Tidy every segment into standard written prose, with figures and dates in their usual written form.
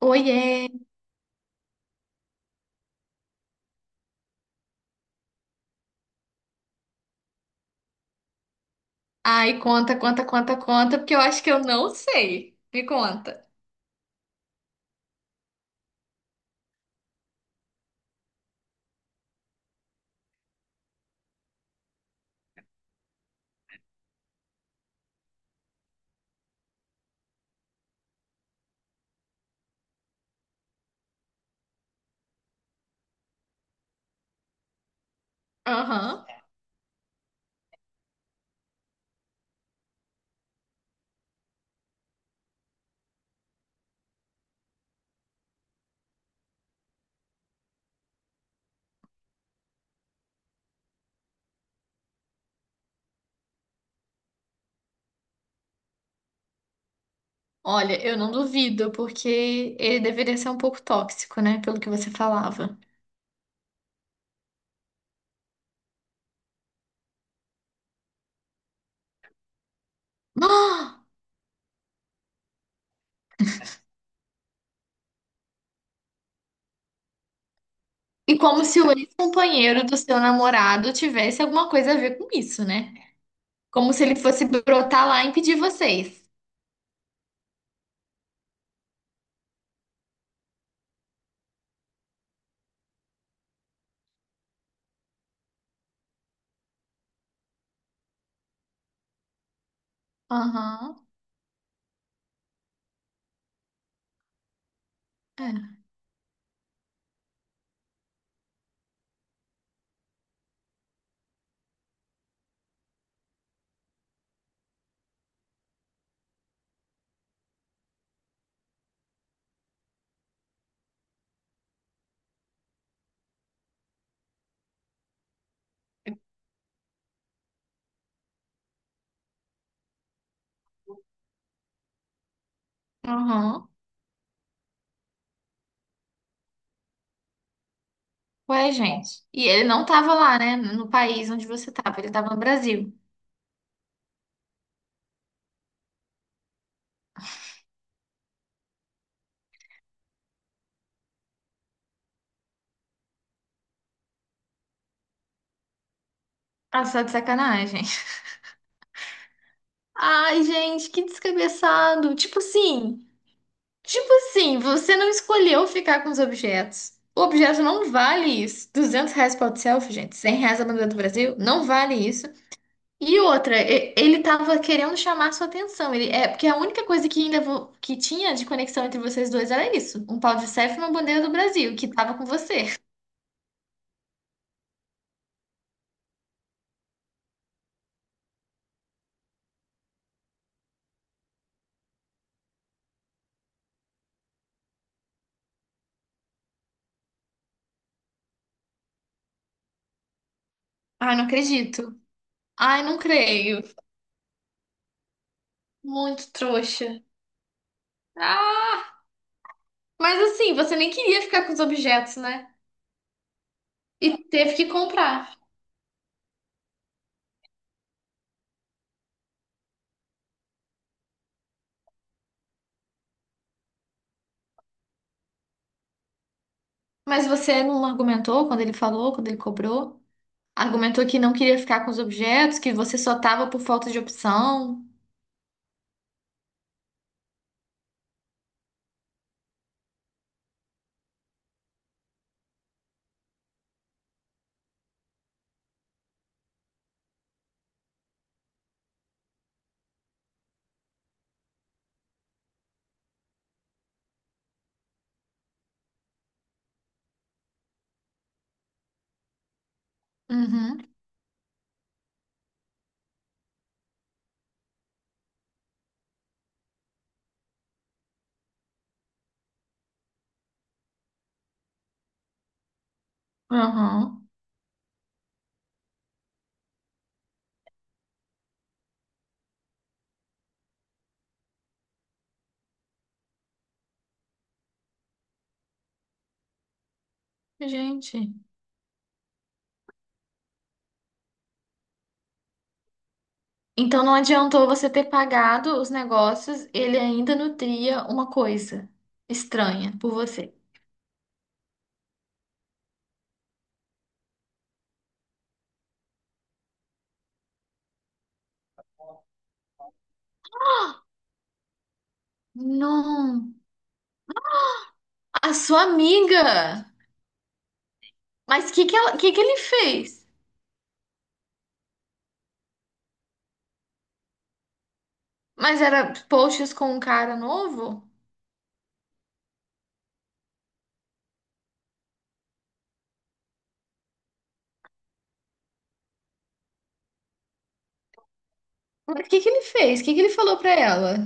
Oiê! Ai, conta, conta, conta, conta, porque eu acho que eu não sei. Me conta. Aham. Olha, eu não duvido, porque ele deveria ser um pouco tóxico, né? Pelo que você falava. Ah! E como se o ex-companheiro do seu namorado tivesse alguma coisa a ver com isso, né? Como se ele fosse brotar lá e impedir vocês. Aham. É. Aham. Ué, gente. E ele não tava lá, né? No país onde você tava, ele tava no Brasil. Ah, só de sacanagem. Ai, gente, que descabeçado. Tipo assim, você não escolheu ficar com os objetos. O objeto não vale isso. R$ 200 para o selfie, gente. R$ 100 a bandeira do Brasil, não vale isso. E outra, ele tava querendo chamar sua atenção. Ele, é porque a única coisa que ainda que tinha de conexão entre vocês dois era isso, um pau de selfie e uma bandeira do Brasil que tava com você. Ai, não acredito. Ai, não creio. Muito trouxa. Ah, mas assim, você nem queria ficar com os objetos, né? E teve que comprar. Mas você não argumentou quando ele falou, quando ele cobrou? Argumentou que não queria ficar com os objetos, que você só tava por falta de opção. Uhum. Uhum. Gente. Então não adiantou você ter pagado os negócios, ele ainda nutria uma coisa estranha por você. Não. A sua amiga! Mas o que que ela, que ele fez? Mas era posts com um cara novo? Mas o que que ele fez? O que que ele falou pra ela?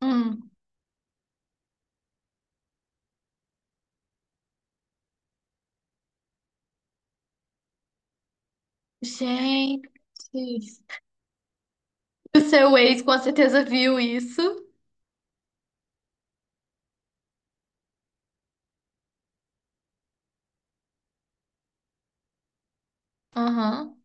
Hum. Gente, o seu ex com certeza viu isso. Aham.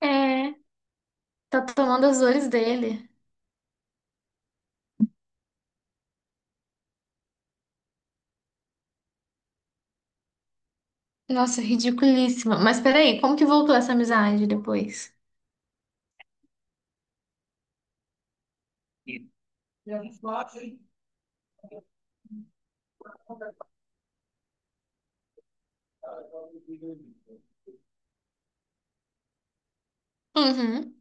É, tá tomando as dores dele. Nossa, ridiculíssima. Mas peraí, como que voltou essa amizade depois? Uhum.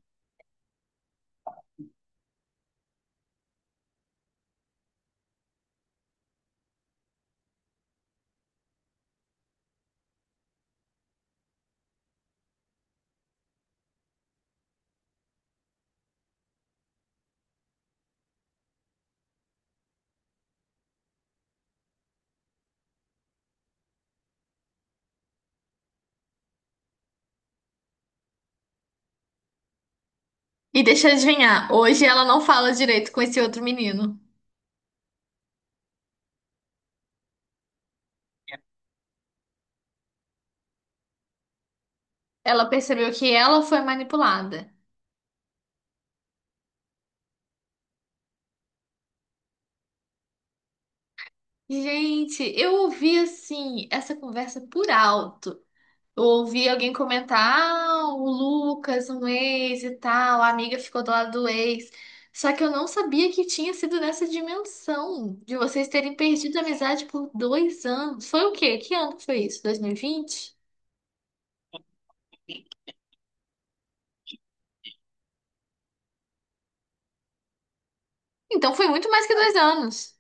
E deixa eu adivinhar, hoje ela não fala direito com esse outro menino. Ela percebeu que ela foi manipulada. Gente, eu ouvi assim essa conversa por alto. Eu ouvi alguém comentar, ah, o Lucas, um ex e tal, a amiga ficou do lado do ex. Só que eu não sabia que tinha sido nessa dimensão de vocês terem perdido a amizade por 2 anos. Foi o quê? Que ano que foi isso? 2020. Então foi muito mais que 2 anos.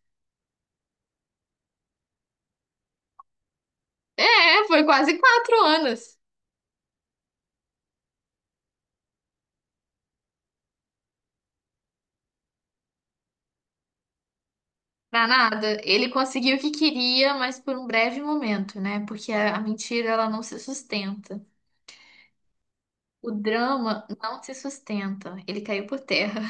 É, foi quase 4 anos. Pra nada. Ele conseguiu o que queria, mas por um breve momento, né? Porque a mentira, ela não se sustenta. O drama não se sustenta. Ele caiu por terra.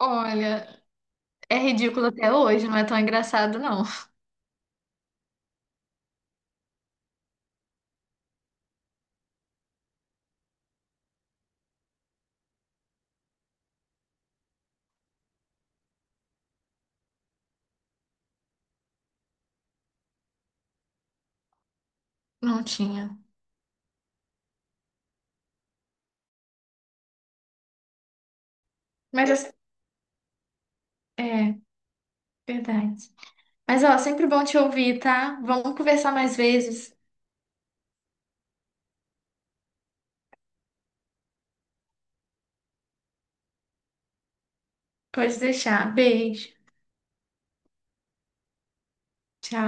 Olha, é ridículo até hoje, não é tão engraçado, não. Não tinha. Mas assim, é, verdade. Mas ó, sempre bom te ouvir, tá? Vamos conversar mais vezes. Pode deixar. Beijo. Tchau.